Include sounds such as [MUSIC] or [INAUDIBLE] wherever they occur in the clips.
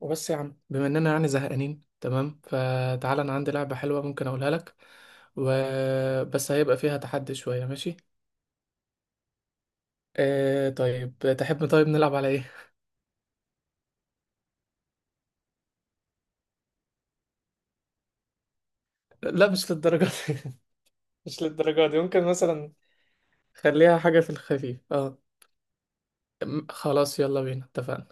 وبس يا عم، بما اننا يعني زهقانين تمام فتعال انا عندي لعبة حلوة ممكن اقولها لك وبس. هيبقى فيها تحدي شوية، ماشي؟ آه طيب، تحب طيب نلعب على ايه؟ [LAUGHS] لا مش للدرجة دي [LAUGHS] مش للدرجة دي، ممكن مثلا خليها حاجة في الخفيف. خلاص يلا بينا اتفقنا.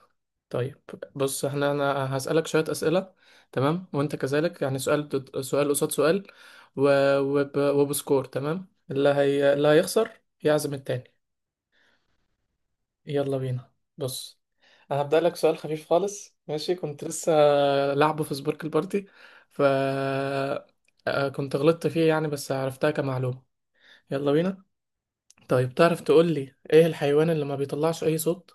طيب، بص احنا هسألك شوية أسئلة، تمام؟ وانت كذلك يعني، سؤال سؤال قصاد سؤال و... وبسكور، تمام؟ اللي هي اللي هيخسر يعزم التاني. يلا بينا. بص، انا هبدأ لك سؤال خفيف خالص، ماشي؟ كنت لسه لعبه في سبورك البارتي ف آه، كنت غلطت فيه يعني، بس عرفتها كمعلومة. يلا بينا. طيب، تعرف تقول لي ايه الحيوان اللي ما بيطلعش اي صوت؟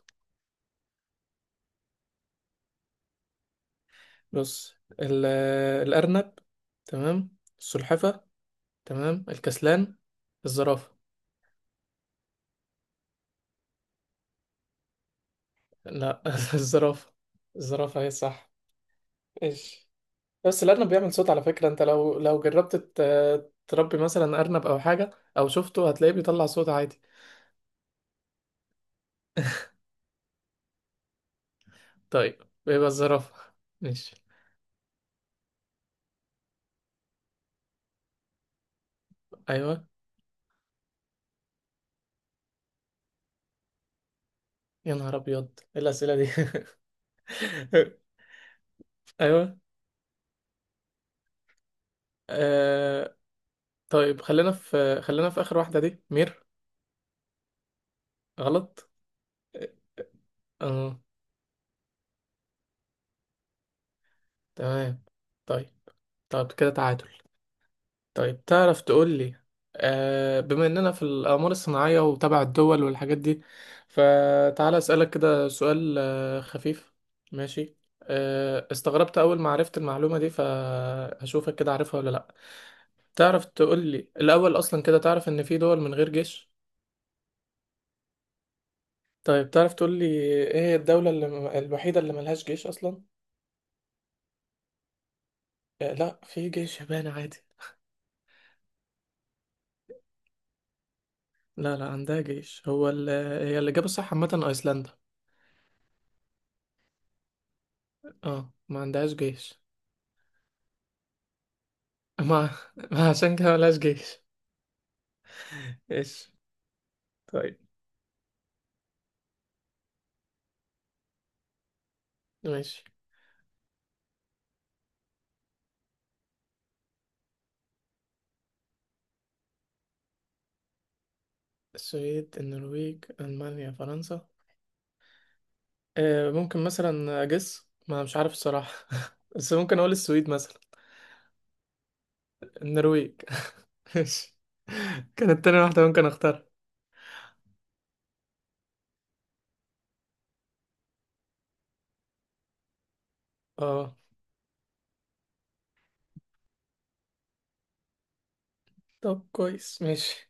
بص، ال... الأرنب، تمام. السلحفة، تمام. الكسلان. الزرافة. لا [LAUGHS] الزرافة. الزرافة هي صح. ايش؟ بس الأرنب بيعمل صوت على فكرة. أنت لو جربت تربي مثلا أرنب أو حاجة، أو شفته، هتلاقيه بيطلع صوت عادي. طيب، يبقى الزرافة، ماشي. أيوه. يا نهار أبيض، إيه الأسئلة دي؟ [LAUGHS] أيوه. آه... طيب، خلينا في آخر واحدة دي، مير. غلط. اه، تمام. طيب، طب كده تعادل. طيب، تعرف تقول لي، بما اننا في الاقمار الصناعيه وتبع الدول والحاجات دي، فتعالى اسالك كده سؤال خفيف، ماشي؟ استغربت اول ما عرفت المعلومه دي، فهشوفك كده عارفها ولا لا. تعرف تقول لي الاول اصلا، كده تعرف ان في دول من غير جيش؟ طيب، تعرف تقول لي ايه هي الدوله الوحيده اللي ملهاش جيش اصلا؟ آه لا، في جيش يابان عادي. لا لا، عندها جيش. هي الاجابه الصح عامه ايسلندا. اه، ما عندهاش جيش. ما ما عشان كده ملهاش جيش. ايش؟ طيب، ماشي. السويد، النرويج، ألمانيا، فرنسا. آه ممكن مثلا أجس، ما مش عارف الصراحة [LAUGHS] بس ممكن أقول السويد مثلا. النرويج؟ [LAUGHS] ماشي. كانت تاني واحدة ممكن أختار. اه طب كويس، ماشي.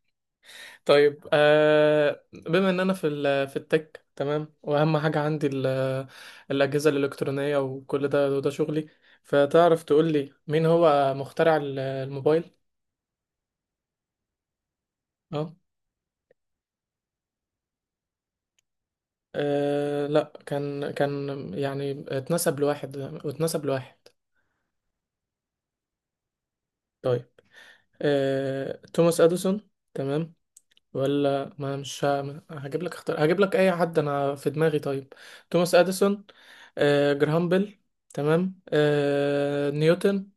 طيب، بما إن أنا في في التك، تمام، وأهم حاجة عندي الأجهزة الإلكترونية وكل ده، وده شغلي، فتعرف تقول لي مين هو مخترع الموبايل؟ لا كان، يعني اتنسب لواحد، اتنسب لواحد. طيب، توماس اديسون، تمام. ولا ما مش هجيب لك اختار، هجيب لك اي حد انا في دماغي، طيب. توماس اديسون. جراهام بيل، تمام. نيوتن.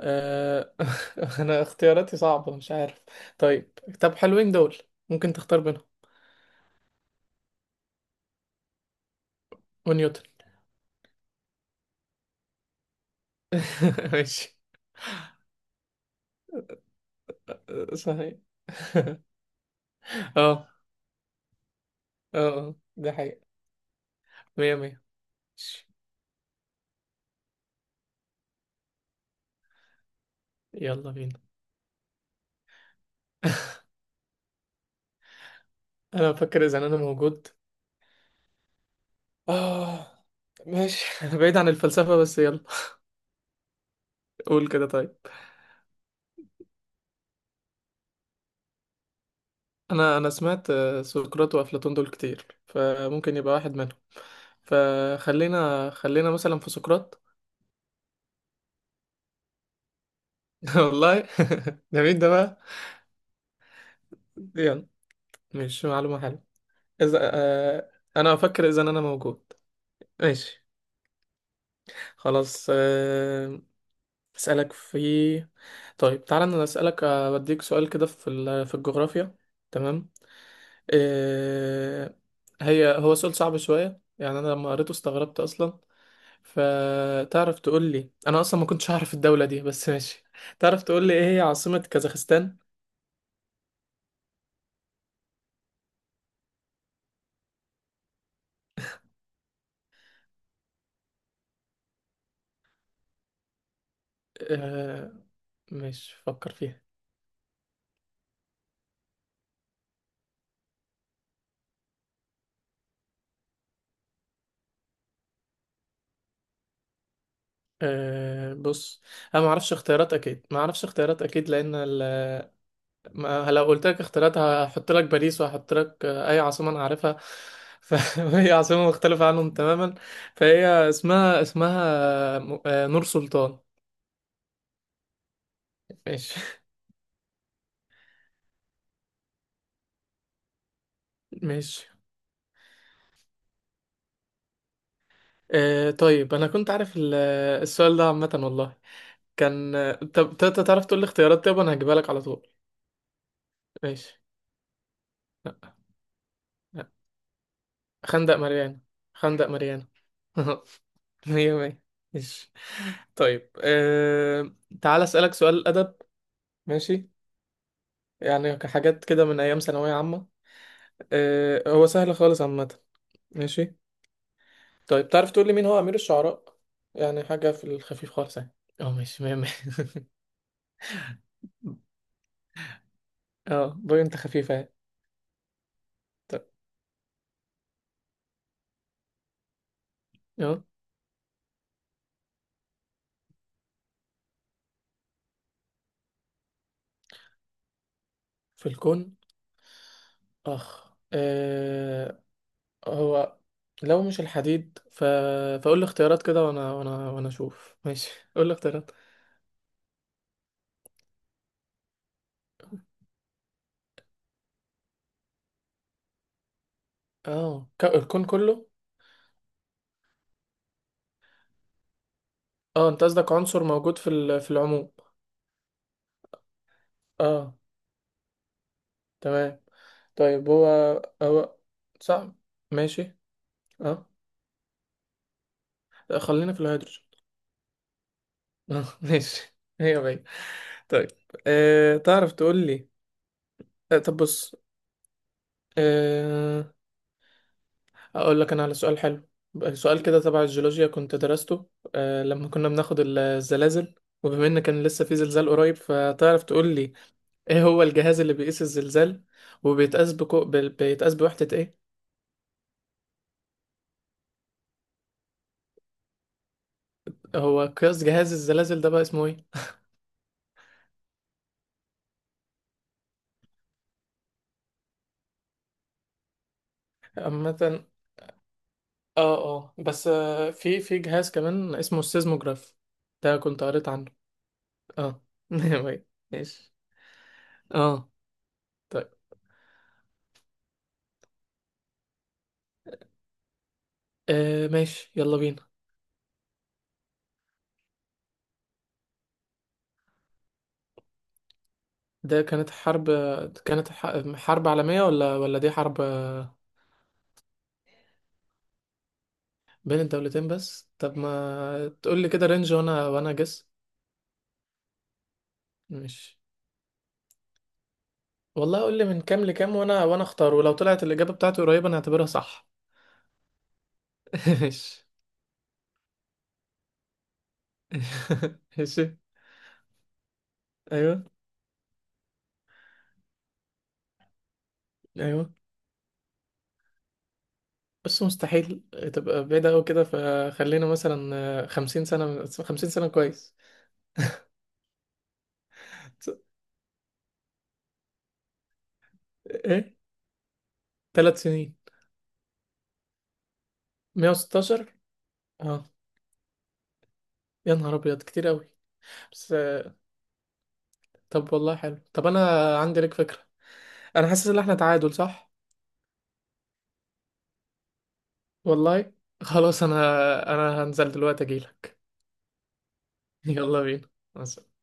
أه [LAUGHS] انا اختياراتي صعبة، مش عارف. طيب، طب حلوين دول، ممكن تختار بينهم. ونيوتن. [LAUGHS] ماشي. صحيح [LAUGHS] اه اه، ده حقيقة. مية مية. يلا بينا. انا بفكر اذا انا موجود. اه ماشي [LAUGHS] بعيد عن الفلسفة بس يلا. قول كده طيب. انا سمعت سقراط وافلاطون دول كتير، فممكن يبقى واحد منهم. فخلينا مثلا في سقراط. [LAUGHS] والله. [LAUGHS] ده مين ده بقى؟ يلا. مش معلومة حلوة؟ اذا انا افكر اذا انا موجود. ماشي. خلاص اسالك في. طيب، تعالى انا اسالك بديك سؤال كده في في الجغرافيا، تمام. آه، هو سؤال صعب شوية يعني. أنا لما قريته استغربت أصلا. فتعرف تقول لي، أنا أصلا ما كنتش هعرف الدولة دي بس [LAUGHS] ماشي. تعرف تقول لي إيه هي عاصمة كازاخستان؟ آه، مش فكر فيها. أه بص، انا ما اعرفش اختيارات اكيد، ما اعرفش اختيارات اكيد لان ما لو قلت لك اختيارات هحط لك باريس، وهحط لك اي عاصمه انا عارفها، فهي [LAUGHS] عاصمه مختلفه عنهم تماما. فهي اسمها نور سلطان. ماشي ماشي. آه طيب، انا كنت عارف السؤال ده عامة والله. كان طب تعرف تقول لي اختيارات، طيب انا هجيبها لك على طول، ماشي. لا، لا. خندق ماريانا. خندق ماريانا. [LAUGHS] مية مية، ماشي. طيب آه، تعال اسألك سؤال أدب، ماشي. يعني حاجات كده من أيام ثانوية عامة، آه هو سهل خالص عامة، ماشي. طيب تعرف تقول لي مين هو أمير الشعراء؟ يعني حاجة في الخفيف خالص يعني. اه ماشي، مية مية. [LAUGHS] اه بوي، انت خفيفة يعني. طيب، في الكون. اخ آه، هو لو مش الحديد فقول لي اختيارات كده، وانا اشوف، ماشي [LAUGHS] قول لي اختيارات. اه الكون كله. اه انت قصدك عنصر موجود في في العموم. اه، تمام. طيب هو صح، ماشي. اه، خلينا في الهيدروجين. اه [LAUGHS] ماشي. هي بعيد. طيب آه، تعرف تقول لي، آه طب بص، آه، هقول لك انا على سؤال حلو. سؤال كده تبع الجيولوجيا كنت درسته لما كنا بناخد الزلازل. وبما ان كان لسه في زلزال قريب، فتعرف تقول لي ايه هو الجهاز اللي بيقيس الزلزال؟ وبيتقاس بيتقاس بوحدة ايه؟ هو قياس جهاز الزلازل ده بقى اسمه ايه؟ عامة اه اه بس في جهاز كمان اسمه السيزموجراف، ده كنت قريت عنه. اه [LAUGHS] ماشي. اه، طيب آه، ماشي يلا بينا. ده كانت حرب، كانت حرب عالمية ولا دي حرب بين الدولتين بس؟ طب ما تقول لي كده رينج، وانا جس. مش، والله قول لي من كام لكام، وانا اختار، ولو طلعت الإجابة بتاعتي قريبة انا هعتبرها صح. [LAUGHS] مش، ماشي. ايوه. ايوه، بس مستحيل تبقى بعيدة أوي كده، فخلينا مثلا 50 سنة. 50 سنة كويس. [LAUGHS] ايه، 3 سنين. 116. اه، يا نهار أبيض، كتير أوي. بس. طب والله حلو، طب انا عندي لك فكرة. انا حاسس ان احنا تعادل، صح؟ والله. خلاص انا، انا هنزل دلوقتي اجيلك. [LAUGHS] يلا بينا. مع السلامة.